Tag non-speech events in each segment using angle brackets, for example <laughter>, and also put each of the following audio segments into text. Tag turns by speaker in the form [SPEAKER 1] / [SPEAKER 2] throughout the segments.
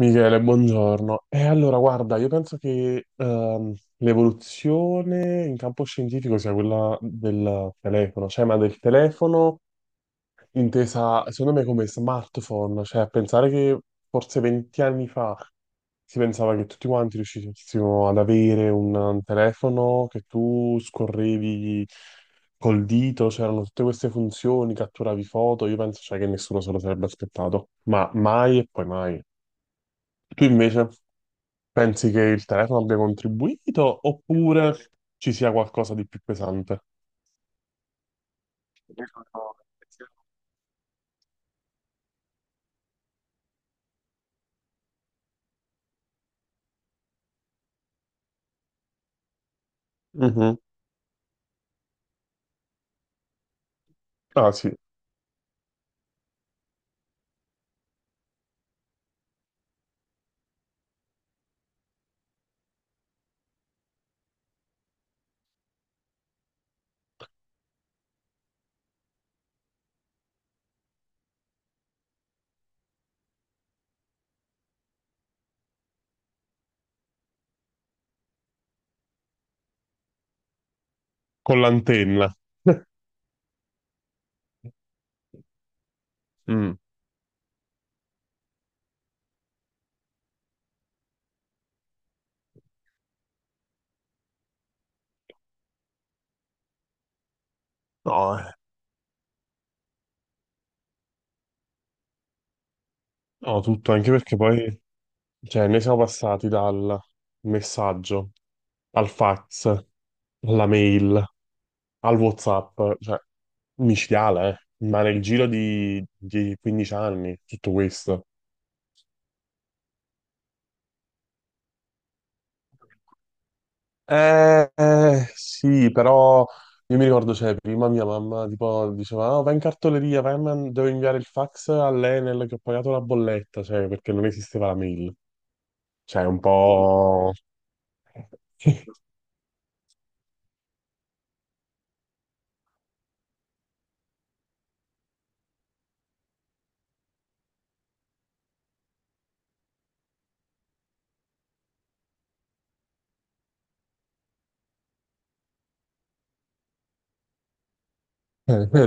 [SPEAKER 1] Michele, buongiorno. E allora, guarda, io penso che l'evoluzione in campo scientifico sia quella del telefono, cioè, ma del telefono intesa, secondo me, come smartphone, cioè a pensare che forse 20 anni fa si pensava che tutti quanti riuscissimo ad avere un telefono che tu scorrevi col dito, c'erano tutte queste funzioni, catturavi foto, io penso, cioè, che nessuno se lo sarebbe aspettato, ma mai e poi mai. Tu invece pensi che il telefono abbia contribuito oppure ci sia qualcosa di più pesante? Mhm. Ah sì, con l'antenna. Mm. No, eh. No, tutto, anche perché poi, cioè, ne siamo passati dal messaggio al fax, alla mail, al WhatsApp, cioè, micidiale, eh. Ma nel giro di 15 anni, tutto questo. Eh, sì, però io mi ricordo, cioè, prima mia mamma tipo diceva, "Ah, vai in cartoleria, devo inviare il fax all'Enel che ho pagato la bolletta, cioè, perché non esisteva la mail." Cioè, un po'. <laughs>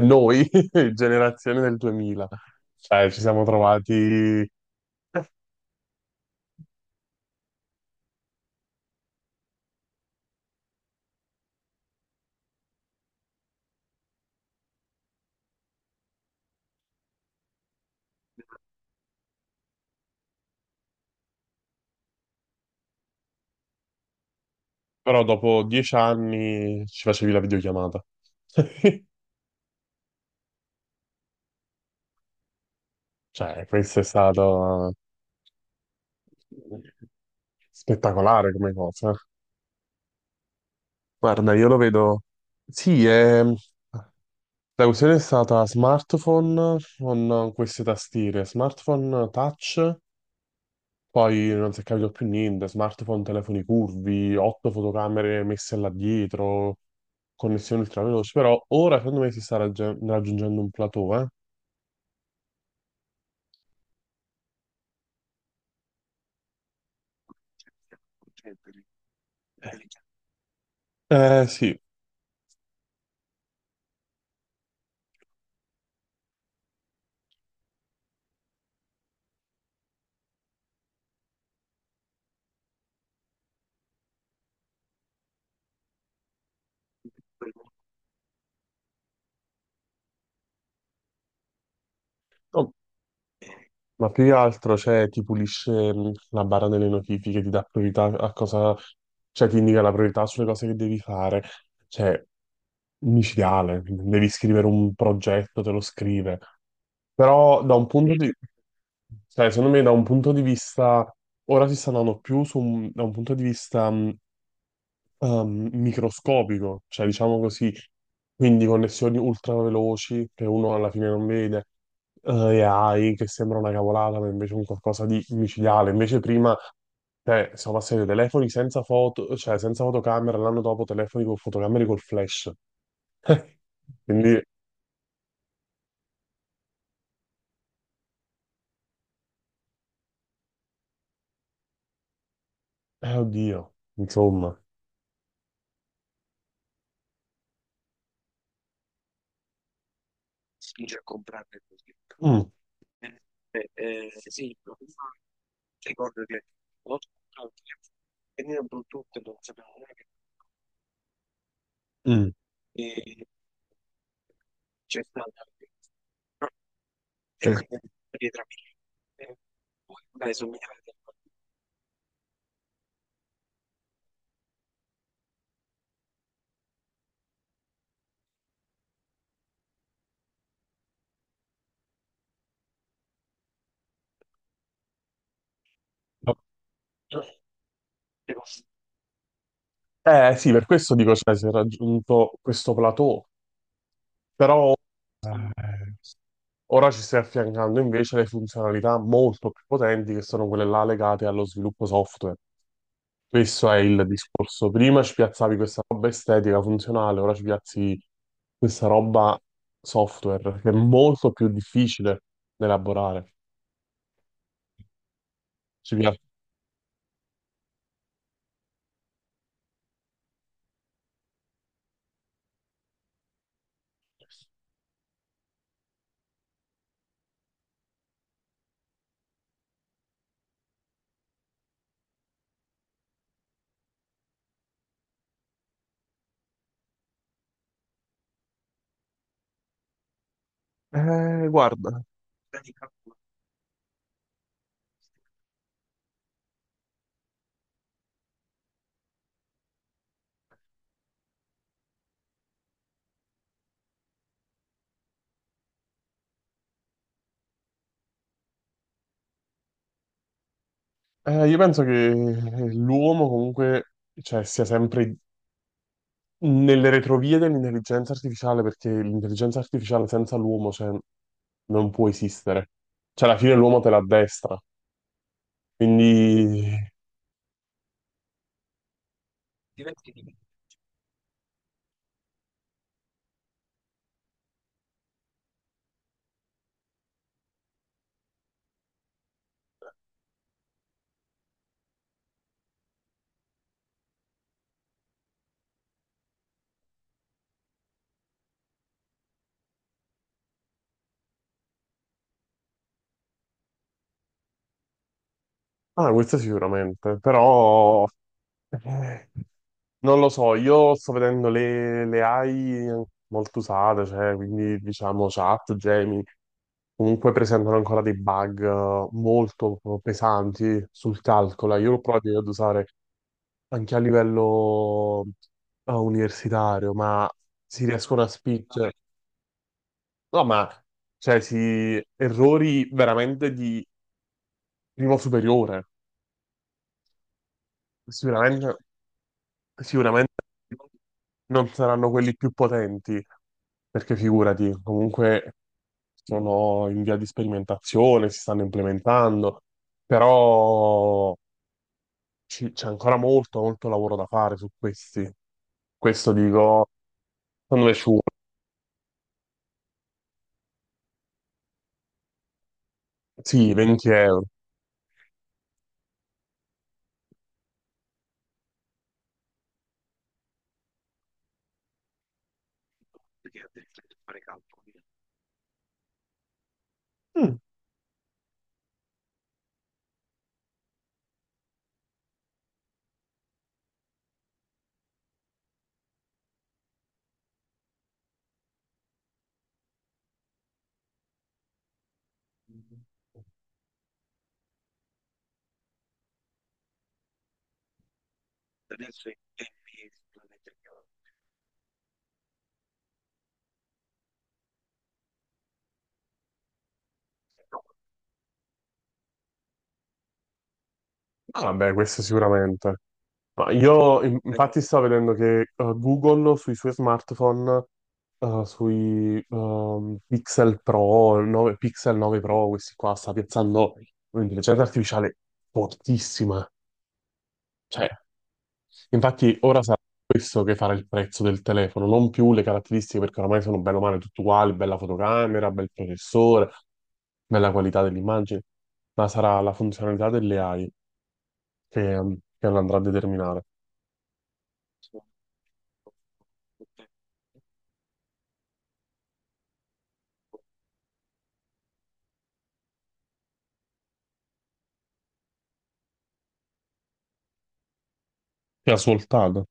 [SPEAKER 1] Noi, <laughs> generazione del 2000, cioè, ci siamo trovati, però dopo 10 anni ci facevi la videochiamata. <laughs> Cioè, questo è stato spettacolare come cosa. Guarda, io lo vedo. Sì, la questione è stata smartphone con queste tastiere, smartphone touch, poi non si è capito più niente, smartphone telefoni curvi, otto fotocamere messe là dietro, connessioni ultraveloci, però ora secondo me si sta raggiungendo un plateau, eh? Eh sì, no, ma più che altro, cioè, ti pulisce la barra delle notifiche, ti dà priorità a cosa, cioè, ti indica la priorità sulle cose che devi fare. Cioè, micidiale, devi scrivere un progetto, te lo scrive. Però da un punto di, cioè, secondo me da un punto di vista, ora si sta andando più su da un punto di vista microscopico, cioè diciamo così, quindi connessioni ultra veloci che uno alla fine non vede, AI che sembra una cavolata, ma invece è un qualcosa di micidiale. Invece prima, cioè, siamo passati dai telefoni senza foto, cioè senza fotocamera, l'anno dopo telefoni con fotocamere col flash. <laughs> Quindi, oddio, insomma. Mm, mm. Eh sì, per questo dico, cioè, si è raggiunto questo plateau, però... eh, Ora ci stai affiancando invece le funzionalità molto più potenti che sono quelle là legate allo sviluppo software. Questo è il discorso. Prima ci piazzavi questa roba estetica, funzionale, ora ci piazzi questa roba software che è molto più difficile da elaborare. Ci pia- guarda, io penso che l'uomo comunque, cioè, sia sempre nelle retrovie dell'intelligenza artificiale, perché l'intelligenza artificiale senza l'uomo, cioè, non può esistere. Cioè, alla fine l'uomo te l'addestra. Quindi, ah, questo sicuramente, però eh, non lo so, io sto vedendo le AI molto usate, cioè, quindi diciamo chat, Gemini, comunque presentano ancora dei bug molto pesanti sul calcolo. Io l'ho provato ad usare anche a livello universitario, ma si riescono a spingere. No, ma cioè, si, errori veramente di primo superiore. Sicuramente, sicuramente non saranno quelli più potenti, perché figurati, comunque sono in via di sperimentazione, si stanno implementando, però c'è ancora molto, molto lavoro da fare su questi. Questo dico, secondo me ci vuole, sì, 20 euro. Ah, vabbè, questo sicuramente. Ma io infatti sto vedendo che Google sui suoi smartphone, sui Pixel Pro, 9 Pixel 9 Pro, questi qua, sta piazzando un'intelligenza artificiale fortissima. Cioè, infatti ora sarà questo che farà il prezzo del telefono, non più le caratteristiche, perché oramai sono bene o male tutte uguali, bella fotocamera, bel processore, bella qualità dell'immagine, ma sarà la funzionalità delle AI che lo andrà a determinare. Ti ha svoltato.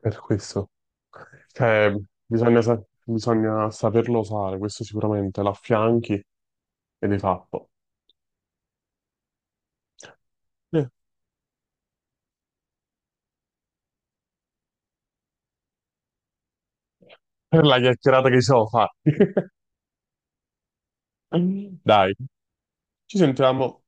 [SPEAKER 1] Per questo. Cioè, bisogna, bisogna saperlo usare, questo sicuramente, l'affianchi ed è fatto. Eh, Per la chiacchierata che ci siamo fatti. <laughs> Dai, ci sentiamo.